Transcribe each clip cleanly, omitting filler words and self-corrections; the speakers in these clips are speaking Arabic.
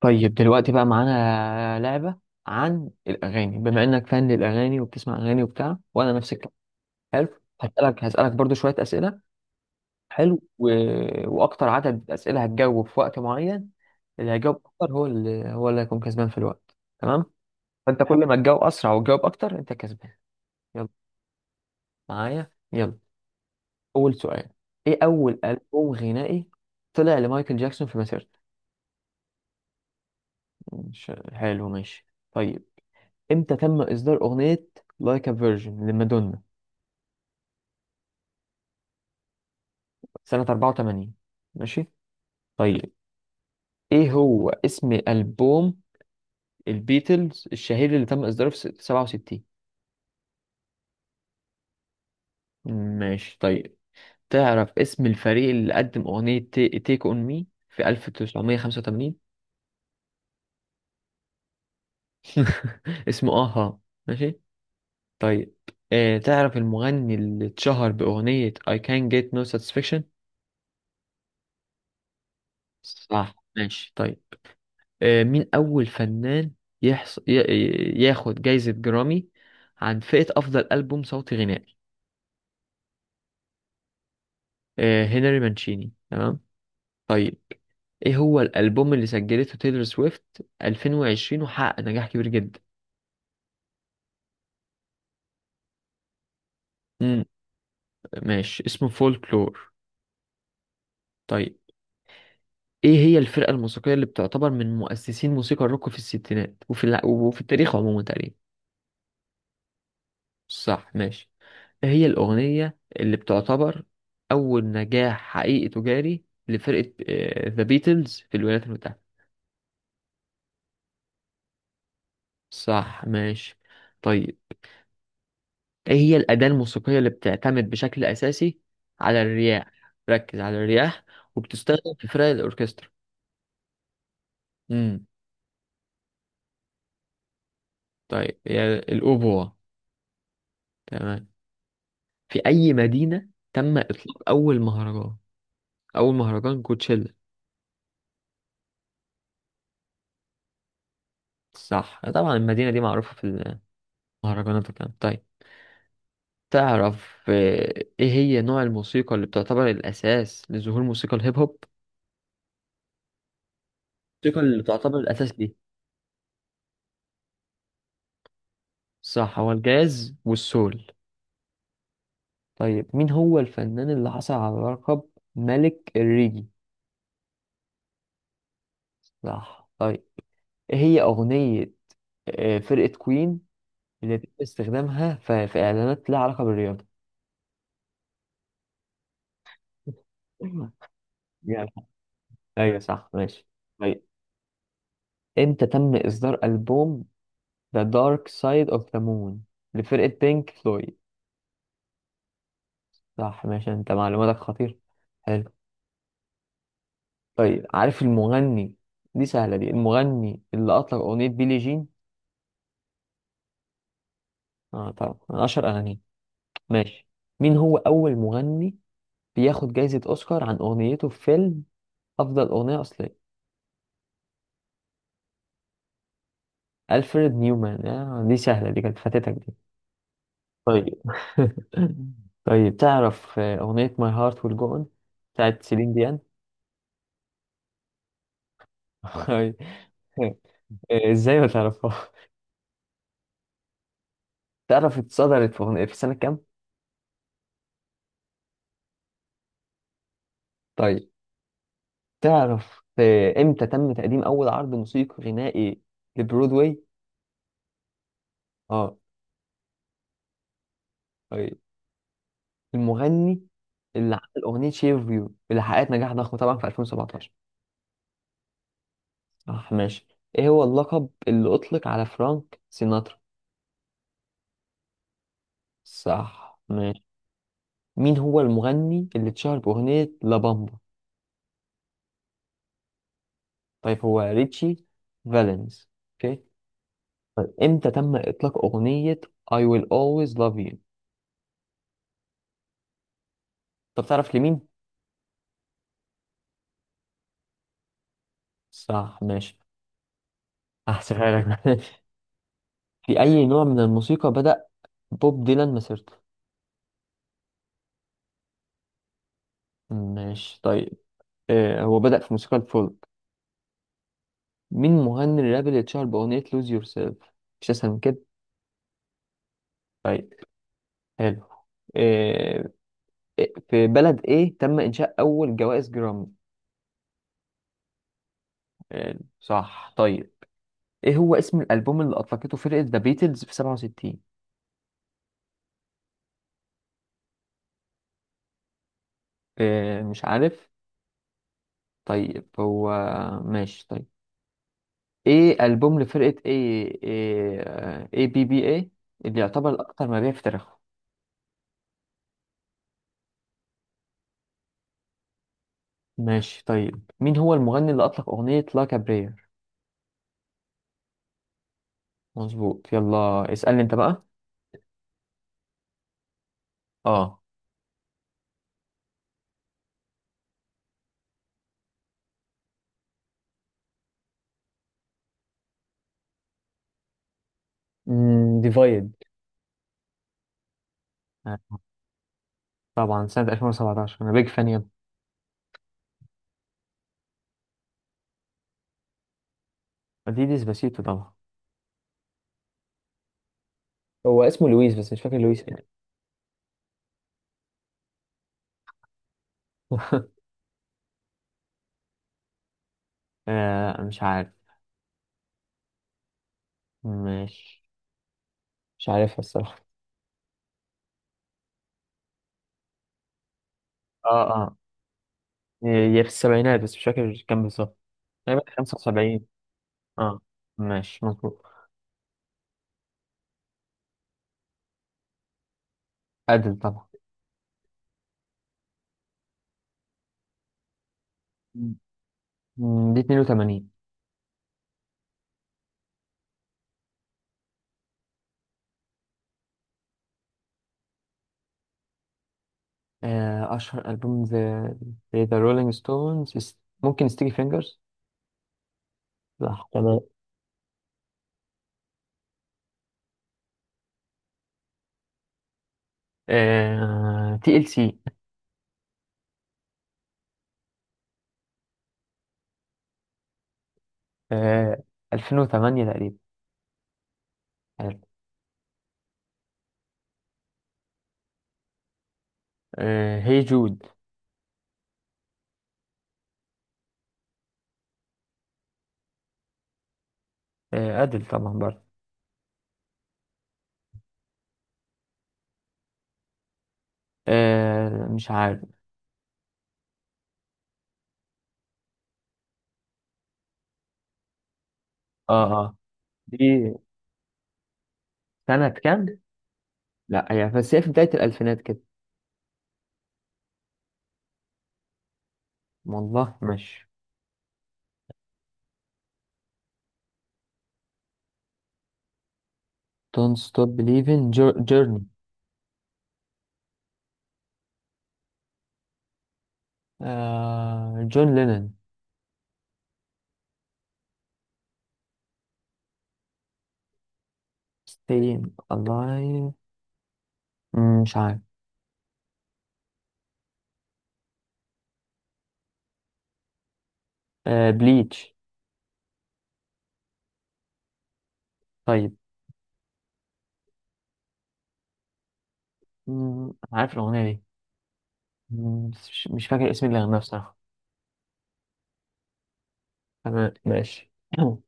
طيب دلوقتي بقى معانا لعبة عن الأغاني، بما إنك فان للأغاني وبتسمع أغاني وبتاع، وأنا نفس الكلام. حلو، هسألك برضو شوية أسئلة. حلو و... وأكتر عدد أسئلة هتجاوب في وقت معين، اللي هيجاوب أكتر هو اللي هيكون كسبان في الوقت. تمام، فأنت كل ما تجاوب أسرع وتجاوب أكتر أنت كسبان. يلا، معايا يلا. أول سؤال: إيه أول ألبوم غنائي طلع لمايكل جاكسون في مسيرته؟ مش حلو، ماشي. طيب، امتى تم اصدار اغنية لايك ا فيرجن لمادونا؟ سنة 84. ماشي. طيب، ايه هو اسم البوم البيتلز الشهير اللي تم اصداره في 67؟ ماشي. طيب، تعرف اسم الفريق اللي قدم اغنية تيك اون مي في 1985؟ اسمه اها. ماشي. طيب، تعرف المغني اللي اتشهر باغنية I can't get no satisfaction؟ صح، ماشي. طيب. مين أول فنان ياخد جايزة جرامي عن فئة أفضل ألبوم صوتي غنائي؟ هنري مانشيني. تمام. طيب، إيه هو الألبوم اللي سجلته تايلور سويفت 2020 وحقق نجاح كبير جدا؟ امم ماشي، اسمه فولكلور. طيب، إيه هي الفرقة الموسيقية اللي بتعتبر من مؤسسين موسيقى الروك في الستينات وفي التاريخ عموما تقريبا؟ صح، ماشي. هي الأغنية اللي بتعتبر أول نجاح حقيقي تجاري لفرقة ذا بيتلز في الولايات المتحدة. صح، ماشي. طيب، إيه هي الأداة الموسيقية اللي بتعتمد بشكل أساسي على الرياح؟ ركز على الرياح، وبتستخدم في فرق الأوركسترا. امم طيب، هي الأوبوا. تمام. في أي مدينة تم إطلاق أول مهرجان، أول مهرجان كوتشيلا؟ صح طبعا، المدينة دي معروفة في المهرجانات وكده. طيب، تعرف ايه هي نوع الموسيقى اللي بتعتبر الاساس لظهور موسيقى الهيب هوب؟ الموسيقى اللي بتعتبر الاساس دي. صح، هو الجاز والسول. طيب، مين هو الفنان اللي حصل على لقب ملك الريجي؟ صح، طيب. ايه هي اغنية فرقة كوين اللي بيتم استخدامها في اعلانات لها علاقة بالرياضة؟ يعني ايوه صح، ماشي. طيب، امتى تم اصدار البوم The Dark Side of the Moon لفرقة بينك فلويد؟ صح، ماشي، انت معلوماتك خطير، حلو. طيب، عارف المغني، دي سهلة دي، المغني اللي أطلق أغنية بيلي جين؟ اه طبعا، من أشهر أغانيه. ماشي. مين هو أول مغني بياخد جايزة أوسكار عن أغنيته في فيلم أفضل أغنية أصلية؟ ألفريد نيومان. آه دي سهلة دي، كانت فاتتك دي. طيب طيب، تعرف أغنية My Heart Will Go On بتاعت سيلين ديان؟ إزاي ما تعرفها؟ تعرف اتصدرت في أغنية في سنة كام؟ طيب، تعرف امتى تم تقديم اول عرض موسيقي غنائي لبرودواي؟ اه. آه، المغني اللي عمل اغنيه شير فيو اللي حققت نجاح ضخم طبعا في 2017؟ صح، ماشي. ايه هو اللقب اللي اطلق على فرانك سيناترا؟ صح، ماشي. مين هو المغني اللي اتشهر باغنيه لابامبا؟ طيب، هو ريتشي فالنز. اوكي. طيب، امتى تم اطلاق اغنيه I will always love you؟ طب تعرف لمين؟ صح، ماشي. هحسبها لك في أي نوع من الموسيقى بدأ بوب ديلان مسيرته؟ ماشي، طيب. هو بدأ في موسيقى الفولك. مين مغني الراب اللي اتشهر بأغنية لوز يور سيلف؟ مش أسهل من كده. طيب، حلو. آه في بلد إيه تم إنشاء أول جوائز جرامي؟ آه صح، طيب. إيه هو اسم الألبوم اللي أطلقته فرقة ذا بيتلز في 67؟ آه مش عارف. طيب هو، ماشي. طيب، إيه ألبوم لفرقة إيه، إيه بي بي إيه، اللي يعتبر الأكثر مبيع في تاريخه؟ ماشي. طيب، مين هو المغني اللي أطلق أغنية لا كابرير؟ مظبوط. يلا اسألني أنت بقى. اه، ديفايد طبعا. سنة 2017، أنا بيج فان يا. دي ديسباسيتو طبعا. هو اسمه لويس بس مش فاكر لويس ايه. مش عارف. ماشي، مش عارفها الصراحة. اه اه. هي في السبعينات بس مش فاكر كام بالظبط، تقريبا 75. اه، ماشي مظبوط. أدل طبعا. دي 82. أشهر ألبوم ذا رولينج ستونز، ممكن ستيكي فينجرز. صح، تمام. تي ال سي. 2008 تقريبا. هي جود. أدل طبعا برضه. مش عارف. اه اه. دي سنة كام؟ لا، هي بس هي في بداية الألفينات كده. والله ماشي. Don't Stop Believing. Journey. جون لينن. Staying Alive. مش عارف. بليتش. طيب. عارف الأغنية دي. بس مش فاكر اسم اللي غناه بصراحة. تمام، ماشي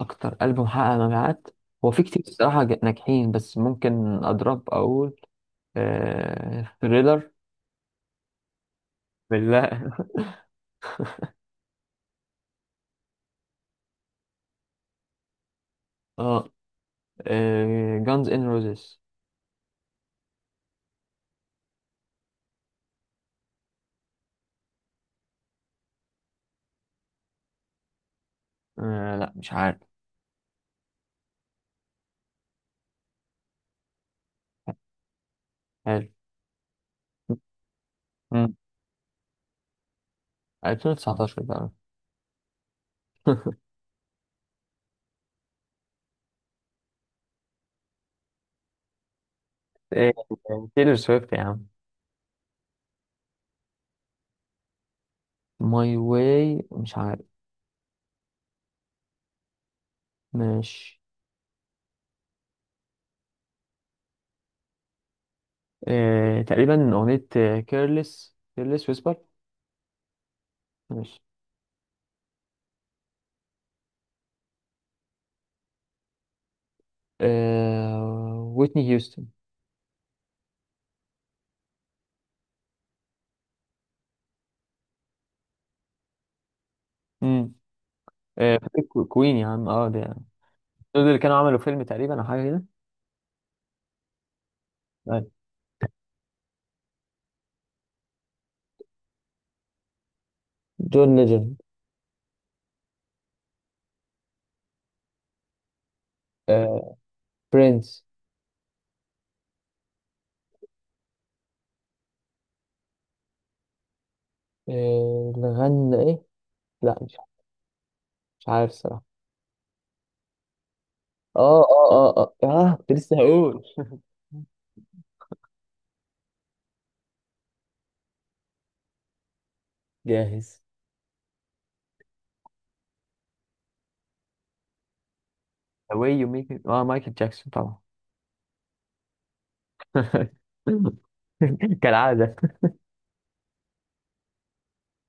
أكتر ألبوم حقق مبيعات هو في كتير الصراحة ناجحين، بس ممكن أضرب أقول ثريلر. بالله اه، جانز إن روزيس. لا مش عارف. حلو. مم، 2019 بقى إيه، تايلور سويفت يا عم. ماي واي، مش عارف. ماشي. تقريبا أغنية كيرلس ويسبر. ويتني هيوستن. امم فاكر كوين يا عم، اه ده، دول اللي كانوا عملوا فيلم تقريبا او حاجه كده. أيوة. جون ليجند. آه... برنس. اللي غنى ايه؟ لا مش عارف الصراحه. اه كنت لسه هقول. جاهز. The way you make it، اه مايكل جاكسون طبعا. كالعادة.